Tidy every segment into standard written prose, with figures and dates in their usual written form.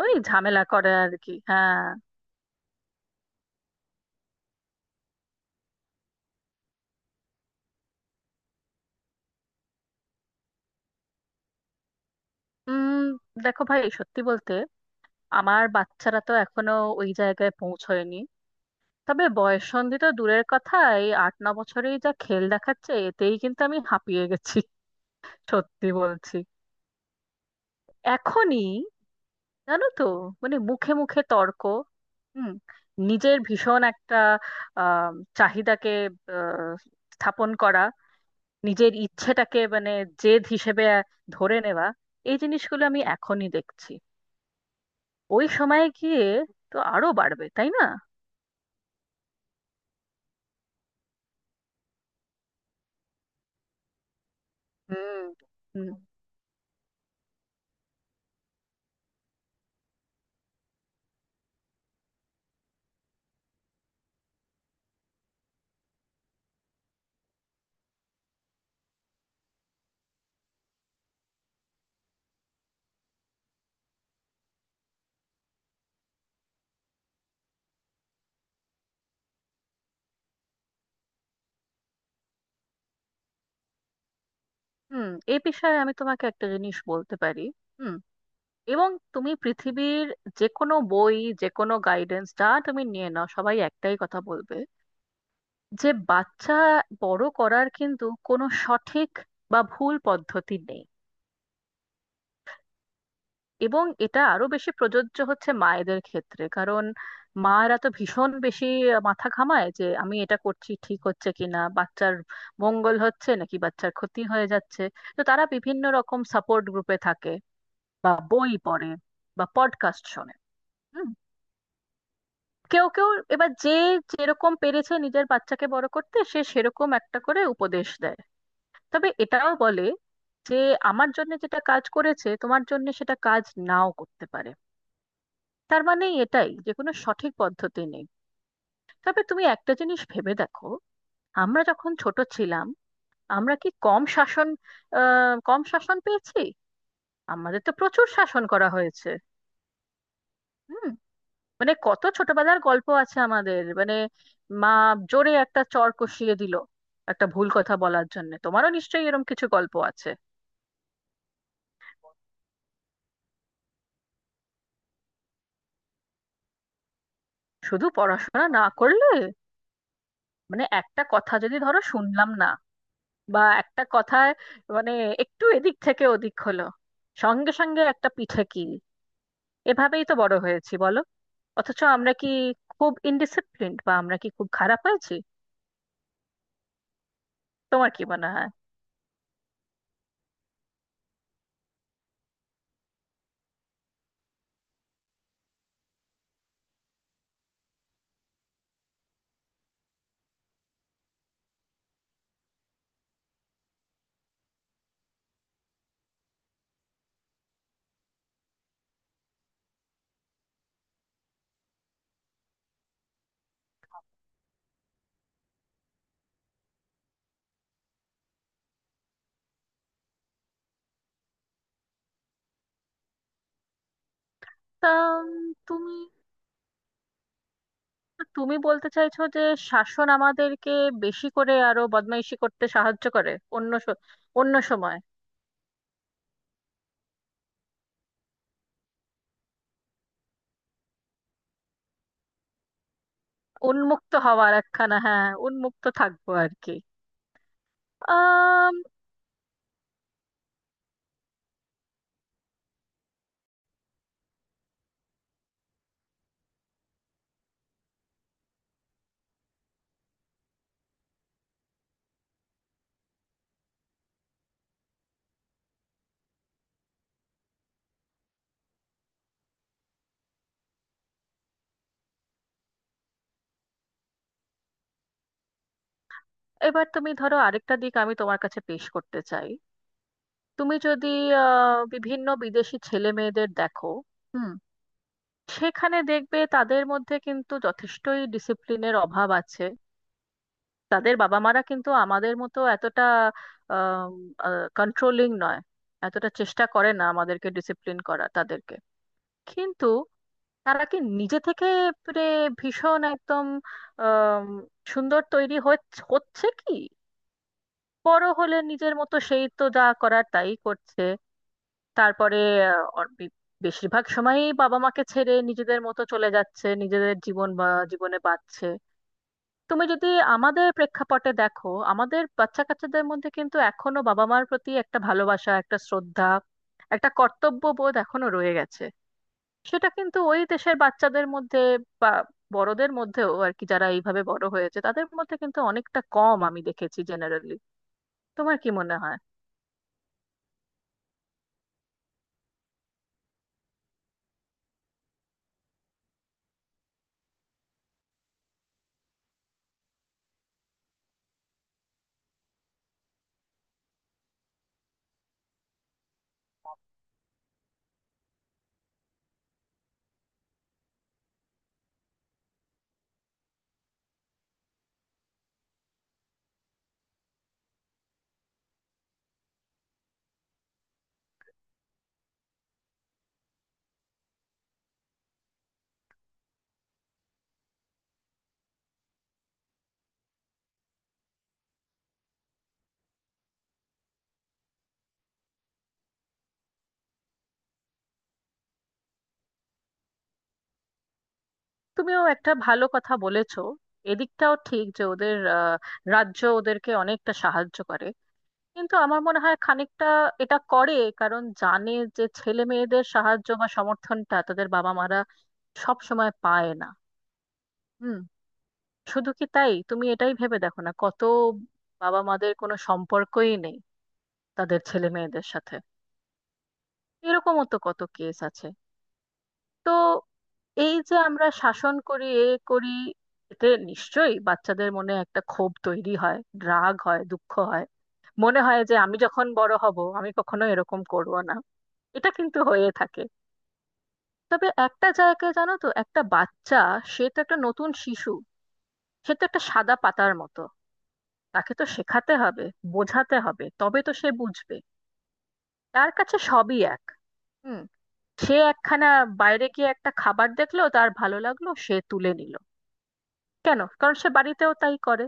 ওই ঝামেলা করে আর কি, হ্যাঁ। উম দেখো ভাই, সত্যি বলতে আমার বাচ্চারা তো এখনো ওই জায়গায় পৌঁছয়নি। তবে বয়ঃসন্ধি তো দূরের কথা, এই 8-9 বছরেই যা খেল দেখাচ্ছে, এতেই কিন্তু আমি হাঁপিয়ে গেছি, সত্যি বলছি, এখনই। জানো তো, মানে মুখে মুখে তর্ক, হুম নিজের ভীষণ একটা আহ চাহিদাকে আহ, স্থাপন করা, নিজের ইচ্ছেটাকে মানে জেদ হিসেবে ধরে নেওয়া, এই জিনিসগুলো আমি এখনই দেখছি। ওই সময়ে গিয়ে তো আরো বাড়বে, তাই না? হুম হুম হুম এ বিষয়ে আমি তোমাকে একটা জিনিস বলতে পারি। হুম। এবং তুমি পৃথিবীর যে কোনো বই, যে কোনো গাইডেন্স যা তুমি নিয়ে নাও, সবাই একটাই কথা বলবে, যে বাচ্চা বড় করার কিন্তু কোনো সঠিক বা ভুল পদ্ধতি নেই। এবং এটা আরো বেশি প্রযোজ্য হচ্ছে মায়েদের ক্ষেত্রে, কারণ মারা তো ভীষণ বেশি মাথা ঘামায় যে আমি এটা করছি ঠিক হচ্ছে কিনা, বাচ্চার মঙ্গল হচ্ছে নাকি বাচ্চার ক্ষতি হয়ে যাচ্ছে। তো তারা বিভিন্ন রকম সাপোর্ট গ্রুপে থাকে, বা বই পড়ে, বা পডকাস্ট শোনে। হুম। কেউ কেউ, এবার যে যেরকম পেরেছে নিজের বাচ্চাকে বড় করতে, সে সেরকম একটা করে উপদেশ দেয়। তবে এটাও বলে যে আমার জন্য যেটা কাজ করেছে তোমার জন্য সেটা কাজ নাও করতে পারে। তার মানে এটাই, যে কোনো সঠিক পদ্ধতি নেই। তবে তুমি একটা জিনিস ভেবে দেখো, আমরা যখন ছোট ছিলাম, আমরা কি কম শাসন পেয়েছি? আমাদের তো প্রচুর শাসন করা হয়েছে। হুম। মানে কত ছোটবেলার গল্প আছে আমাদের, মানে মা জোরে একটা চড় কষিয়ে দিল একটা ভুল কথা বলার জন্য। তোমারও নিশ্চয়ই এরকম কিছু গল্প আছে। শুধু পড়াশোনা না করলে, মানে একটা কথা যদি ধরো শুনলাম না, বা একটা কথায় মানে একটু এদিক থেকে ওদিক হলো, সঙ্গে সঙ্গে একটা পিঠে কিল। এভাবেই তো বড় হয়েছি, বলো? অথচ আমরা কি খুব ইনডিসিপ্লিনড, বা আমরা কি খুব খারাপ হয়েছি? তোমার কি মনে হয়? তা, উম, তুমি তুমি বলতে চাইছো যে শাসন আমাদেরকে বেশি করে আরো বদমাইশি করতে সাহায্য করে অন্য স- অন্য সময়? উন্মুক্ত হওয়ার একখানা, হ্যাঁ, উন্মুক্ত থাকবো আর কি। আম, এবার তুমি ধরো, আরেকটা দিক আমি তোমার কাছে পেশ করতে চাই। তুমি যদি বিভিন্ন বিদেশি ছেলে মেয়েদের দেখো, হুম, সেখানে দেখবে তাদের মধ্যে কিন্তু যথেষ্টই ডিসিপ্লিনের অভাব আছে। তাদের বাবা মারা কিন্তু আমাদের মতো এতটা কন্ট্রোলিং নয়, এতটা চেষ্টা করে না আমাদেরকে ডিসিপ্লিন, করা তাদেরকে। কিন্তু তারা কি নিজে থেকে মানে ভীষণ একদম আম, সুন্দর হচ্ছে কি? বড় হলে নিজের মতো সেই তো যা করার তাই করছে। তারপরে আহ, অর- বি- বেশিরভাগ সময়ই বাবা মাকে ছেড়ে নিজেদের মতো চলে যাচ্ছে, নিজেদের জীবন বা জীবনে বাঁচছে। তুমি যদি আমাদের প্রেক্ষাপটে দেখো, আমাদের বাচ্চা কাচ্চাদের মধ্যে কিন্তু এখনো বাবা মার প্রতি একটা ভালোবাসা, একটা শ্রদ্ধা, একটা কর্তব্য বোধ এখনো রয়ে গেছে। সেটা কিন্তু ওই দেশের বাচ্চাদের মধ্যে বা বড়দের মধ্যেও আর কি, যারা এইভাবে বড় হয়েছে তাদের মধ্যে কিন্তু অনেকটা কম আমি দেখেছি জেনারেলি। তোমার কি মনে হয়? তুমিও একটা ভালো কথা বলেছো। এদিকটাও ঠিক, যে ওদের রাজ্য ওদেরকে অনেকটা সাহায্য করে, কিন্তু আমার মনে হয় খানিকটা এটা করে কারণ জানে যে ছেলে মেয়েদের সাহায্য বা সমর্থনটা তাদের বাবা মারা সব সময় পায় না। হুম। শুধু কি তাই, তুমি এটাই ভেবে দেখো না, কত বাবা মাদের কোনো সম্পর্কই নেই তাদের ছেলে মেয়েদের সাথে, এরকমও তো কত কেস আছে। তো এই যে আমরা শাসন করি, এ করি, এতে নিশ্চয়ই বাচ্চাদের মনে একটা ক্ষোভ তৈরি হয়, রাগ হয়, দুঃখ হয়, মনে হয় যে আমি যখন বড় হব আমি কখনো এরকম করব না। এটা কিন্তু হয়ে থাকে। তবে একটা জায়গায়, জানো তো, একটা বাচ্চা, সে তো একটা নতুন শিশু, সে তো একটা সাদা পাতার মতো, তাকে তো শেখাতে হবে, বোঝাতে হবে, তবে তো সে বুঝবে। তার কাছে সবই এক। হুম। সে একখানা বাইরে গিয়ে একটা খাবার দেখলো, তার ভালো লাগলো, সে তুলে নিল। কেন? কারণ সে বাড়িতেও তাই করে।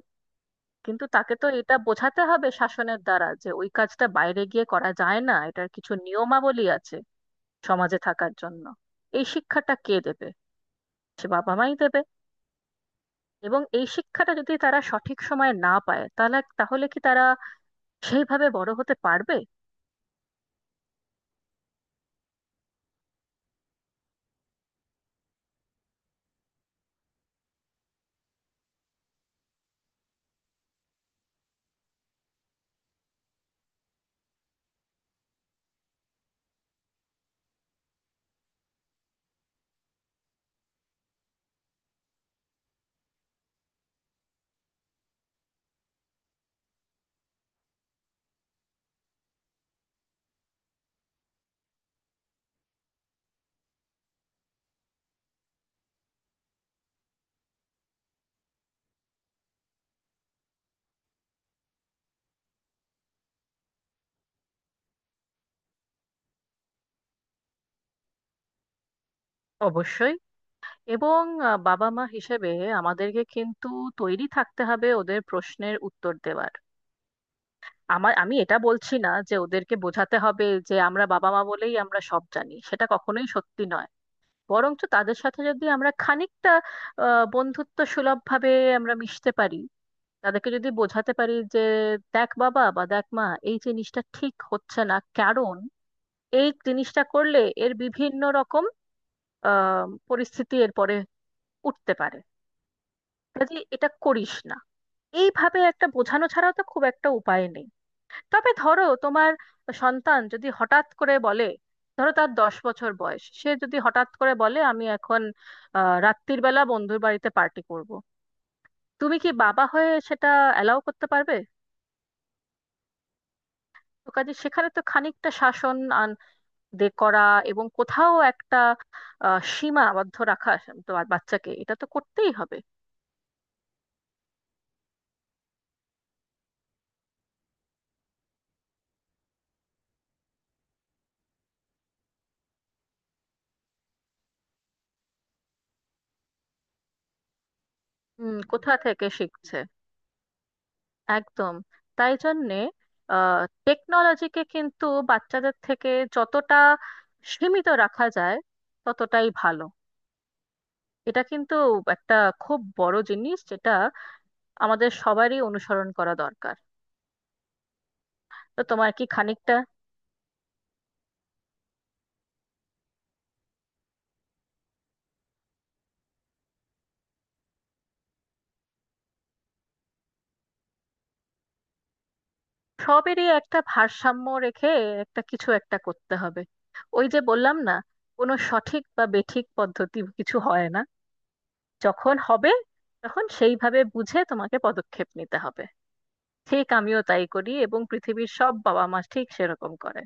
কিন্তু তাকে তো এটা বোঝাতে হবে শাসনের দ্বারা যে ওই কাজটা বাইরে গিয়ে করা যায় না, এটার কিছু নিয়মাবলী আছে সমাজে থাকার জন্য। এই শিক্ষাটা কে দেবে? সে বাবা মাই দেবে। এবং এই শিক্ষাটা যদি তারা সঠিক সময়ে না পায়, তাহলে তাহলে কি তারা সেইভাবে বড় হতে পারবে? অবশ্যই। এবং বাবা মা হিসেবে আমাদেরকে কিন্তু তৈরি থাকতে হবে ওদের প্রশ্নের উত্তর দেওয়ার। আমি এটা বলছি না যে ওদেরকে বোঝাতে হবে যে আমরা বাবা মা বলেই আমরা সব জানি, সেটা কখনোই সত্যি নয়। বরঞ্চ তাদের সাথে যদি আমরা খানিকটা বন্ধুত্ব সুলভ ভাবে আমরা মিশতে পারি, তাদেরকে যদি বোঝাতে পারি যে দেখ বাবা, বা দেখ মা, এই জিনিসটা ঠিক হচ্ছে না, কারণ এই জিনিসটা করলে এর বিভিন্ন রকম পরিস্থিতি এরপরে উঠতে পারে, কাজে এটা করিস না, এইভাবে একটা বোঝানো ছাড়াও তো খুব একটা উপায় নেই। তবে ধরো তোমার সন্তান যদি হঠাৎ করে বলে, ধরো তার 10 বছর বয়স, সে যদি হঠাৎ করে বলে আমি এখন রাত্রির বেলা বন্ধুর বাড়িতে পার্টি করব, তুমি কি বাবা হয়ে সেটা অ্যালাউ করতে পারবে? তো কাজে সেখানে তো খানিকটা শাসন আন দে করা এবং কোথাও একটা সীমাবদ্ধ রাখা, তো বাচ্চাকে এটা তো করতেই হবে। হুম, কোথা থেকে শিখছে? একদম। তাই জন্যে টেকনোলজিকে কিন্তু বাচ্চাদের থেকে যতটা সীমিত রাখা যায় ততটাই ভালো। এটা কিন্তু একটা খুব বড় জিনিস যেটা আমাদের সবারই অনুসরণ করা দরকার। তো তোমার কি খানিকটা, সবেরই একটা ভারসাম্য রেখে একটা কিছু একটা করতে হবে। ওই যে বললাম না, কোনো সঠিক বা বেঠিক পদ্ধতি কিছু হয় না। যখন হবে তখন সেইভাবে বুঝে তোমাকে পদক্ষেপ নিতে হবে। ঠিক আমিও তাই করি, এবং পৃথিবীর সব বাবা মা ঠিক সেরকম করে।